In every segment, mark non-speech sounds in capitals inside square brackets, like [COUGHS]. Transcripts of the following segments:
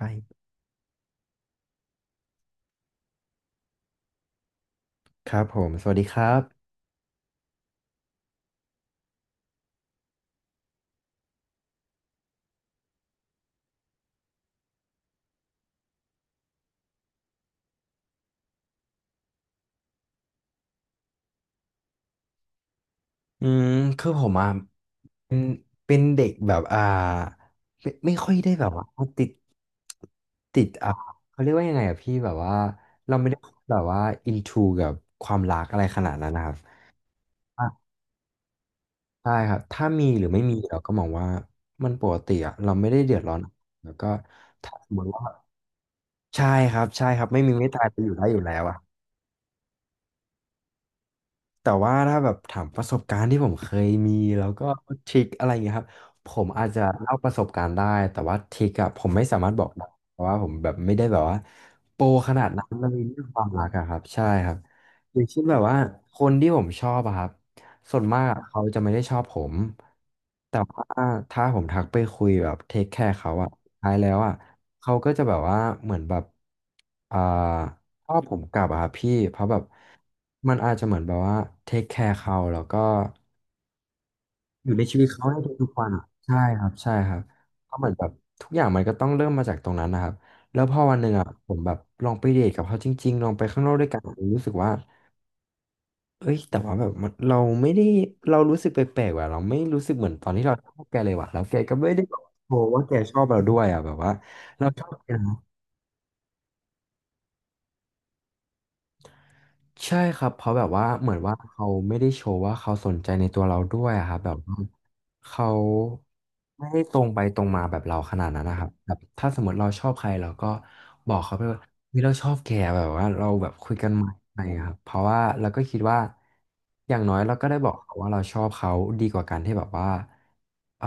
ไปครับผมสวัสดีครับอืมคือผมอ่ะเป็นเป็นเด็กแบบไม่ค่อยได้แบบว่าติดติดเขาเรียกว่ายังไงอ่ะพี่แบบว่าเราไม่ได้แบบว่าอินทูกับความรักอะไรขนาดนั้นนะครับอ่ะใช่ครับถ้ามีหรือไม่มีเราก็มองว่ามันปกติอ่ะเราไม่ได้เดือดร้อนแล้วก็ถ้าสมมติว่าใช่ใช่ครับไม่มีไม่ตายไปอยู่ได้อยู่แล้วอ่ะ แต่ว่าถ้าแบบถามประสบการณ์ที่ผมเคยมีแล้วก็ทริคอะไรอย่างเงี้ยครับผมอาจจะเล่าประสบการณ์ได้แต่ว่าทริคอะผมไม่สามารถบอกได้เพราะว่าผมแบบไม่ได้แบบว่าโปรขนาดนั้นในเรื่องความรักอะครับใช่ครับอย่างเช่นแบบว่าคนที่ผมชอบอะครับส่วนมากอะเขาจะไม่ได้ชอบผม แต่ว่าถ้าผมทักไปคุยแบบเทคแคร์เขาอะท้ายแล้วอะเขาก็จะแบบว่าเหมือนแบบอ่าชอบผมกลับอะครับพี่เพราะแบบมันอาจจะเหมือนแบบว่าเทคแคร์เขาแล้วก็อยู่ในชีวิตเขาในทุกๆวันอะใช่ครับเพราะเหมือนแบบทุกอย่างมันก็ต้องเริ่มมาจากตรงนั้นนะครับแล้วพอวันหนึ่งอะผมแบบลองไปเดทกับเขาจริงๆลองไปข้างนอกด้วยกันผมรู้สึกว่า เอ้ยแต่ว่าแบบมันเราไม่ได้เรารู้สึกแปลกๆว่ะเราไม่รู้สึกเหมือนตอนที่เราชอบแกเลยว่ะแล้วแกก็ไม่ได้บอกโชว์ว่าแกชอบเราด้วยอ่ะแบบว่าเราชอบแกนะ ใช่ครับเพราะแบบว่าเหมือนว่าเขาไม่ได้โชว์ว่าเขาสนใจในตัวเราด้วยอะครับแบบว่าเขาไม่ได้ตรงไปตรงมาแบบเราขนาดนั้นนะครับแบบถ้าสมมติเราชอบใครเราก็บอกเขาไปว่าเฮ้ยเราชอบแกแบบว่าเราแบบคุยกันใหม่อะไรอย่างเงี้ยครับเพราะว่าเราก็คิดว่าอย่างน้อยเราก็ได้บอกเขาว่าเราชอบเขาดีกว่าการที่แบบว่าเออ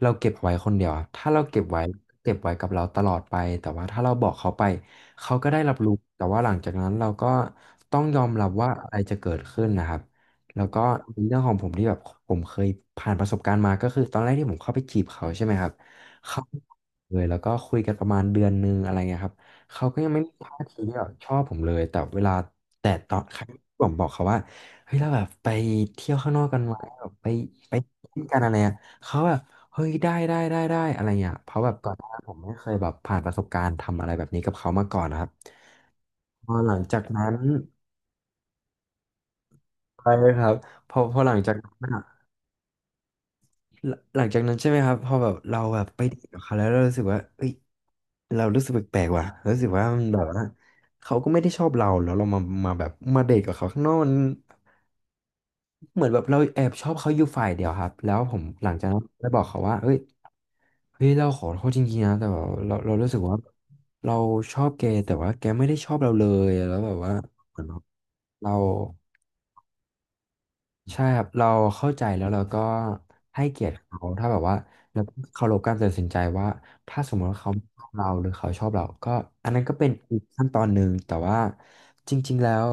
เราเก็บไว้คนเดียวอะถ้าเราเก็บไว้เก็บไว้กับเราตลอดไปแต่ว่าถ้าเราบอกเขาไป เขาก็ได้รับรู้แต่ว่าหลังจากนั้นเราก็ต้องยอมรับว่าอะไรจะเกิดขึ้นนะครับแล้วก็เป็นเรื่องของผมที่แบบผมเคยผ่านประสบการณ์มาก็คือตอนแรกที่ผมเข้าไปจีบเขาใช่ไหมครับเขาเลยแล้วก็คุยกันประมาณเดือนนึงอะไรเงี้ยครับเขาก็ยังไม่มีท่าทีที่แบบชอบผมเลยแต่เวลาแต่ตอนครั้งที่ผมบอกเขาว่าเฮ้ยเราแบบไปเที่ยวข้างนอกกันไหมแบบไปกินกันอะไรอ่ะเขาแบบ เฮ้ยได้อะไรเงี้ยเพราะแบบก่อนหน้าผมไม่เคยแบบผ่านประสบการณ์ทำอะไรแบบนี้กับเขามาก่อนนะครับพอหลังจากนั้นไปเลยครับพอหลังจากนั้นอะหลังจากนั้นใช่ไหมครับพอแบบเราแบบไปดีกับเขาแล้วเรารู้สึกว่าเอ้ยเรารู้สึกแปลกๆว่ะรู้สึกว่ามันแบบว่าเขาก็ไม่ได้ชอบเราแล้วเรามามาแบบมาเดทกับเขาข้างนอกมัน เหมือนแบบเราแอบชอบเขาอยู่ฝ่ายเดียวครับแล้วผมหลังจากนั้นได้บอกเขาว่าเฮ้ยเราขอโทษจริงๆนะแต่ว่าเรารู้สึกว่าเราชอบแกแต่ว่าแกไม่ได้ชอบเราเลยแล้วแบบว่าเหมือนเรา ใช่ครับเราเข้าใจแล้วเราก็ให้เกียรติเขาถ้าแบบว่าเราเคารพการตัดสินใจว่าถ้าสมมติว่าเขาไม่ชอบเราหรือเขาชอบเราก็อันนั้นก็เป็นอีกขั้นตอนหนึ่งแต่ว่าจริงๆแล้ว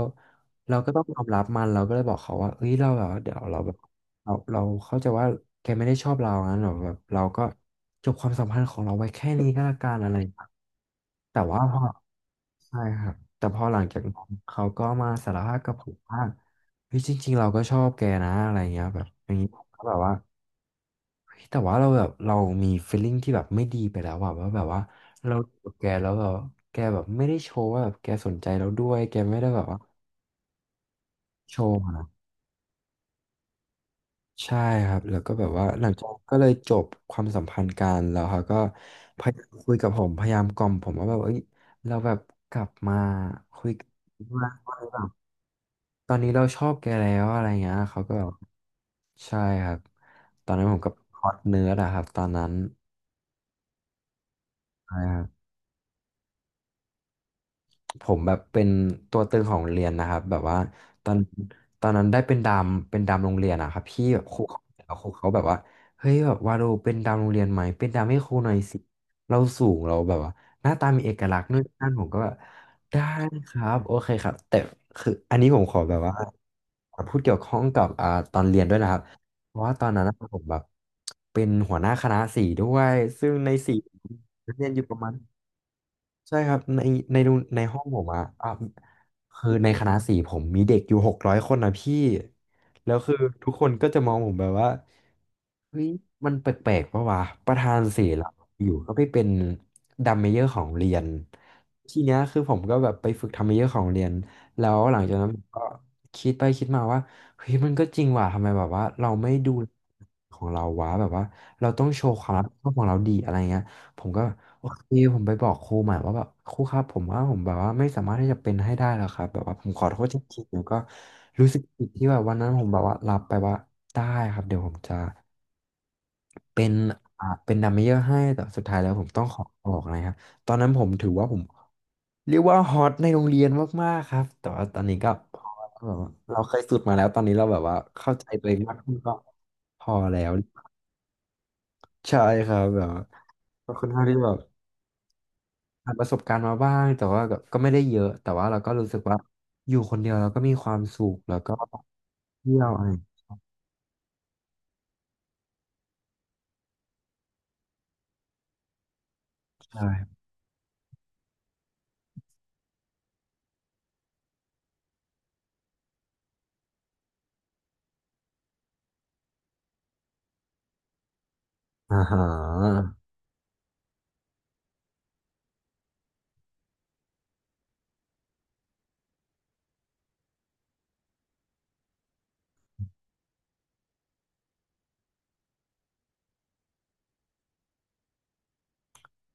เราก็ต้องยอมรับมันเราก็เลยบอกเขาว่าเอ้ยเราแบบว่าเดี๋ยวเราแบบเราเข้าใจว่าแกไม่ได้ชอบเรางั้นหรอแบบเราก็จบความสัมพันธ์ของเราไว้แค่นี้ก็แล้วกันอะไรอย่างเงี้ยแต่ว่าพอใช่ครับแต่พอหลังจากนั้นเขาก็มาสารภาพกับผมว่า เฮ้ยจริงๆเราก็ชอบแกนะอะไรเงี้ยแบบอย่างนี้ผมก็แบบว่าเฮ้ยแต่ว่าเราแบบเรามี feeling ที่แบบไม่ดีไปแล้วอะว่าแบบว่าเราอยู่กับแกแล้วแบบแกแบบไม่ได้โชว์ว่าแบบแกสนใจเราด้วยแกไม่ได้แบบว่าโชว์อะใช่ครับแล้วก็แบบว่าหลังจากนั้นก็เลยจบความสัมพันธ์กันแล้วเขาก็พยายามคุยกับผมพยายามกล่อมผมว่าแบบเอ้ยเราแบบกลับมาคุยกันว่าแบบตอนนี้เราชอบแกแล้วอะไรเงี้ยเขาก็แบบ ใช่ครับ ตอนนั้นผมก็คอร์สเนื้อนะครับตอนนั้นใช่ครับ ผมแบบเป็นตัวตึงของโรงเรียนนะครับแบบว่าตอนตอนนั้นได้เป็นดามโรงเรียนอะครับพี่แบบครูเขาแบบว่าเฮ้ยแบบว่าเราเป็นดามโรงเรียนไหมเป็นดามให้ครูหน่อยสิเราสูงเราแบบว่าหน้าตามีเอกลักษณ์นู่นนั่นผมก็แบบได้ครับโอเคครับแต่คืออันนี้ผมขอแบบว่าพูดเกี่ยวข้องกับตอนเรียนด้วยนะครับเพราะว่าตอนนั้นอะผมแบบเป็นหัวหน้าคณะสีด้วยซึ่งในสีเรียนอยู่ประมาณ ใช่ครับในห้องผมอะอ่ะคือในคณะสี่ผมมีเด็กอยู่600 คนนะพี่แล้วคือทุกคนก็จะมองผมแบบว่าเฮ้ยมันแปลกๆปะวะประธานศิลป์อยู่ก็ไปเป็นดัมเมเยอร์ของเรียนทีเนี้ยคือผมก็แบบไปฝึกทำมเมเยอร์ของเรียนแล้วหลังจากนั้นผมก็คิดไปคิดมาว่าเฮ้ยมันก็จริงว่ะทำไมแบบว่าเราไม่ดูของเราวะแบบว่าเราต้องโชว์ความรับผิดชอบของเราดีอะไรเงี้ย ผมก็โอเคผมไปบอกครูใหม่ว่าแบบครูครับผมว่าผมแบบว่าไม่สามารถที่จะเป็นให้ได้แล้วครับแบบว่าผมขอโทษจริงๆแล้วก็รู้สึกผิดที่แบบวันนั้นผมแบบว่ารับไปว่าได้ครับเดี๋ยวผมจะเป็นเป็นดัมเมเยอร์ให้แต่สุดท้ายแล้วผมต้องขอออกนะครับตอนนั้นผมถือว่าผมเรียกว่าฮอตในโรงเรียนมากๆครับแต่ว่าตอนนี้ก็พอแล้วแบบว่าเราเคยสุดมาแล้วตอนนี้เราแบบว่าเข้าใจตัวเองมากขึ้นก็พอแล้วใช่ครับแบบว่าก็ค่อนข้างที่แบบ ผ่านประสบการณ์มาบ้างแต่ว่าก็ไม่ได้เยอะแต่ว่าเราก็รู้สึกว่าอยู่คนเดียวเราก็มีความสุขแล้วก็เที่ยวอะไรใช่อ่าฮะ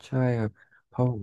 ใช่ครับเพราะผม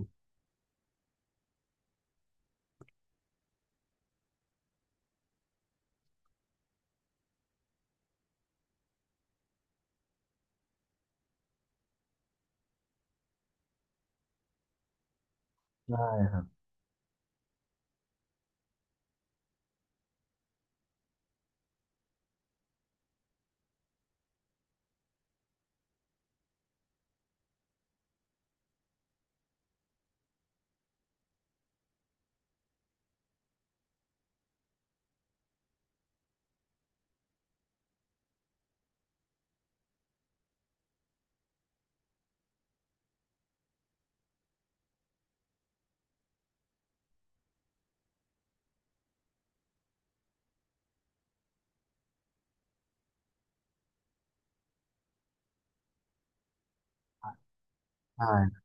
ใช่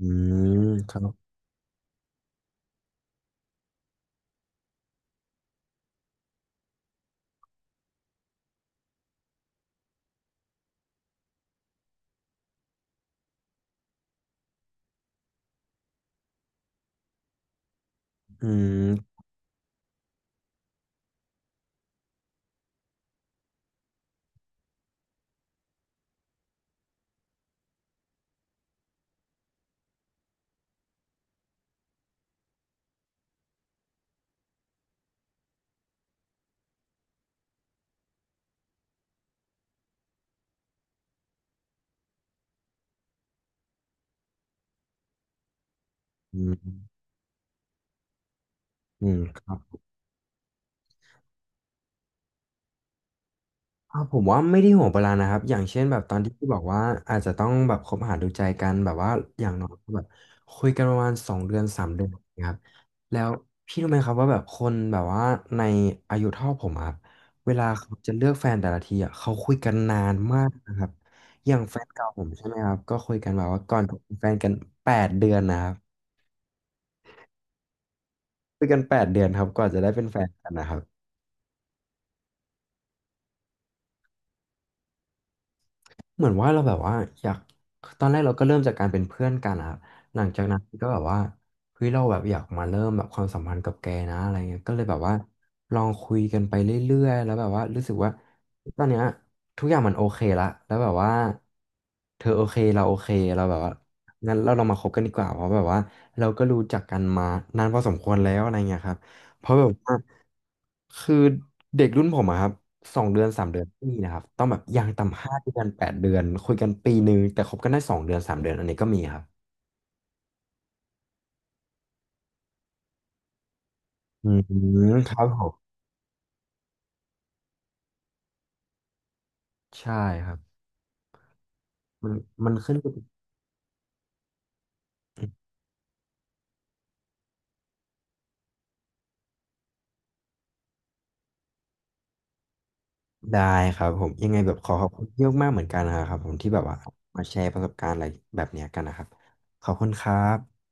อืมครับอืมอืมอืมครับ ผมว่าไม่ได้ห่วงเวลานะครับอย่างเช่นแบบตอนที่พี่บอกว่าอาจจะต้องแบบคบหาดูใจกันแบบว่าอย่างน้อยก็แบบคุยกันประมาณสองเดือนสามเดือนนะครับแล้วพี่รู้ไหมครับว่าแบบคนแบบว่าในอายุเท่าผมอะครับเวลาเขาจะเลือกแฟนแต่ละทีอะเขาคุยกันนานมากนะครับอย่างแฟนเก่าผมใช่ไหมครับก็คุยกันแบบว่าก่อนจะเป็นแฟนกันแปดเดือนนะครับคุยกันแปดเดือนครับก่อนจะได้เป็นแฟนกันนะครับ เหมือนว่าเราแบบว่าอยากตอนแรกเราก็เริ่มจากการเป็นเพื่อนกันนะครับหลังจากนั้นก็แบบว่าเฮ้ยเราแบบอยากมาเริ่มแบบความสัมพันธ์กับแกนะอะไรเงี้ยก็เลยแบบว่าลองคุยกันไปเรื่อยๆแล้วแบบว่ารู้สึกว่าตอนเนี้ยทุกอย่างมันโอเคละแล้วแบบว่าเธอโอเคเราโอเคเราแบบว่างั้นเราลองมาคบกันดีกว่าเพราะแบบว่าเราก็รู้จักกันมานานพอสมควรแล้วอะไรเงี้ยครับ เพราะแบบว่าคือเด็กรุ่นผมอะครับสองเดือนสามเดือนไม่มีนะครับต้องแบบอย่างต่ำ5 เดือนแปดเดือนคุยกัน1 ปีแต่คบกันได้สองเดือนสามเดือนอันนี้ก็มีครับอืมครับผมใช่ครับมันมันขึ้นอยู่กับ [COUGHS] ได้ครับผมยังไงแบบขอขอบคุณเยอะมากเหมือนกันนะครับผมที่แบบว่ามาแชร์ประสบการณ์อะไรแบบเนี้ยกันนะครับขอบคุณครับ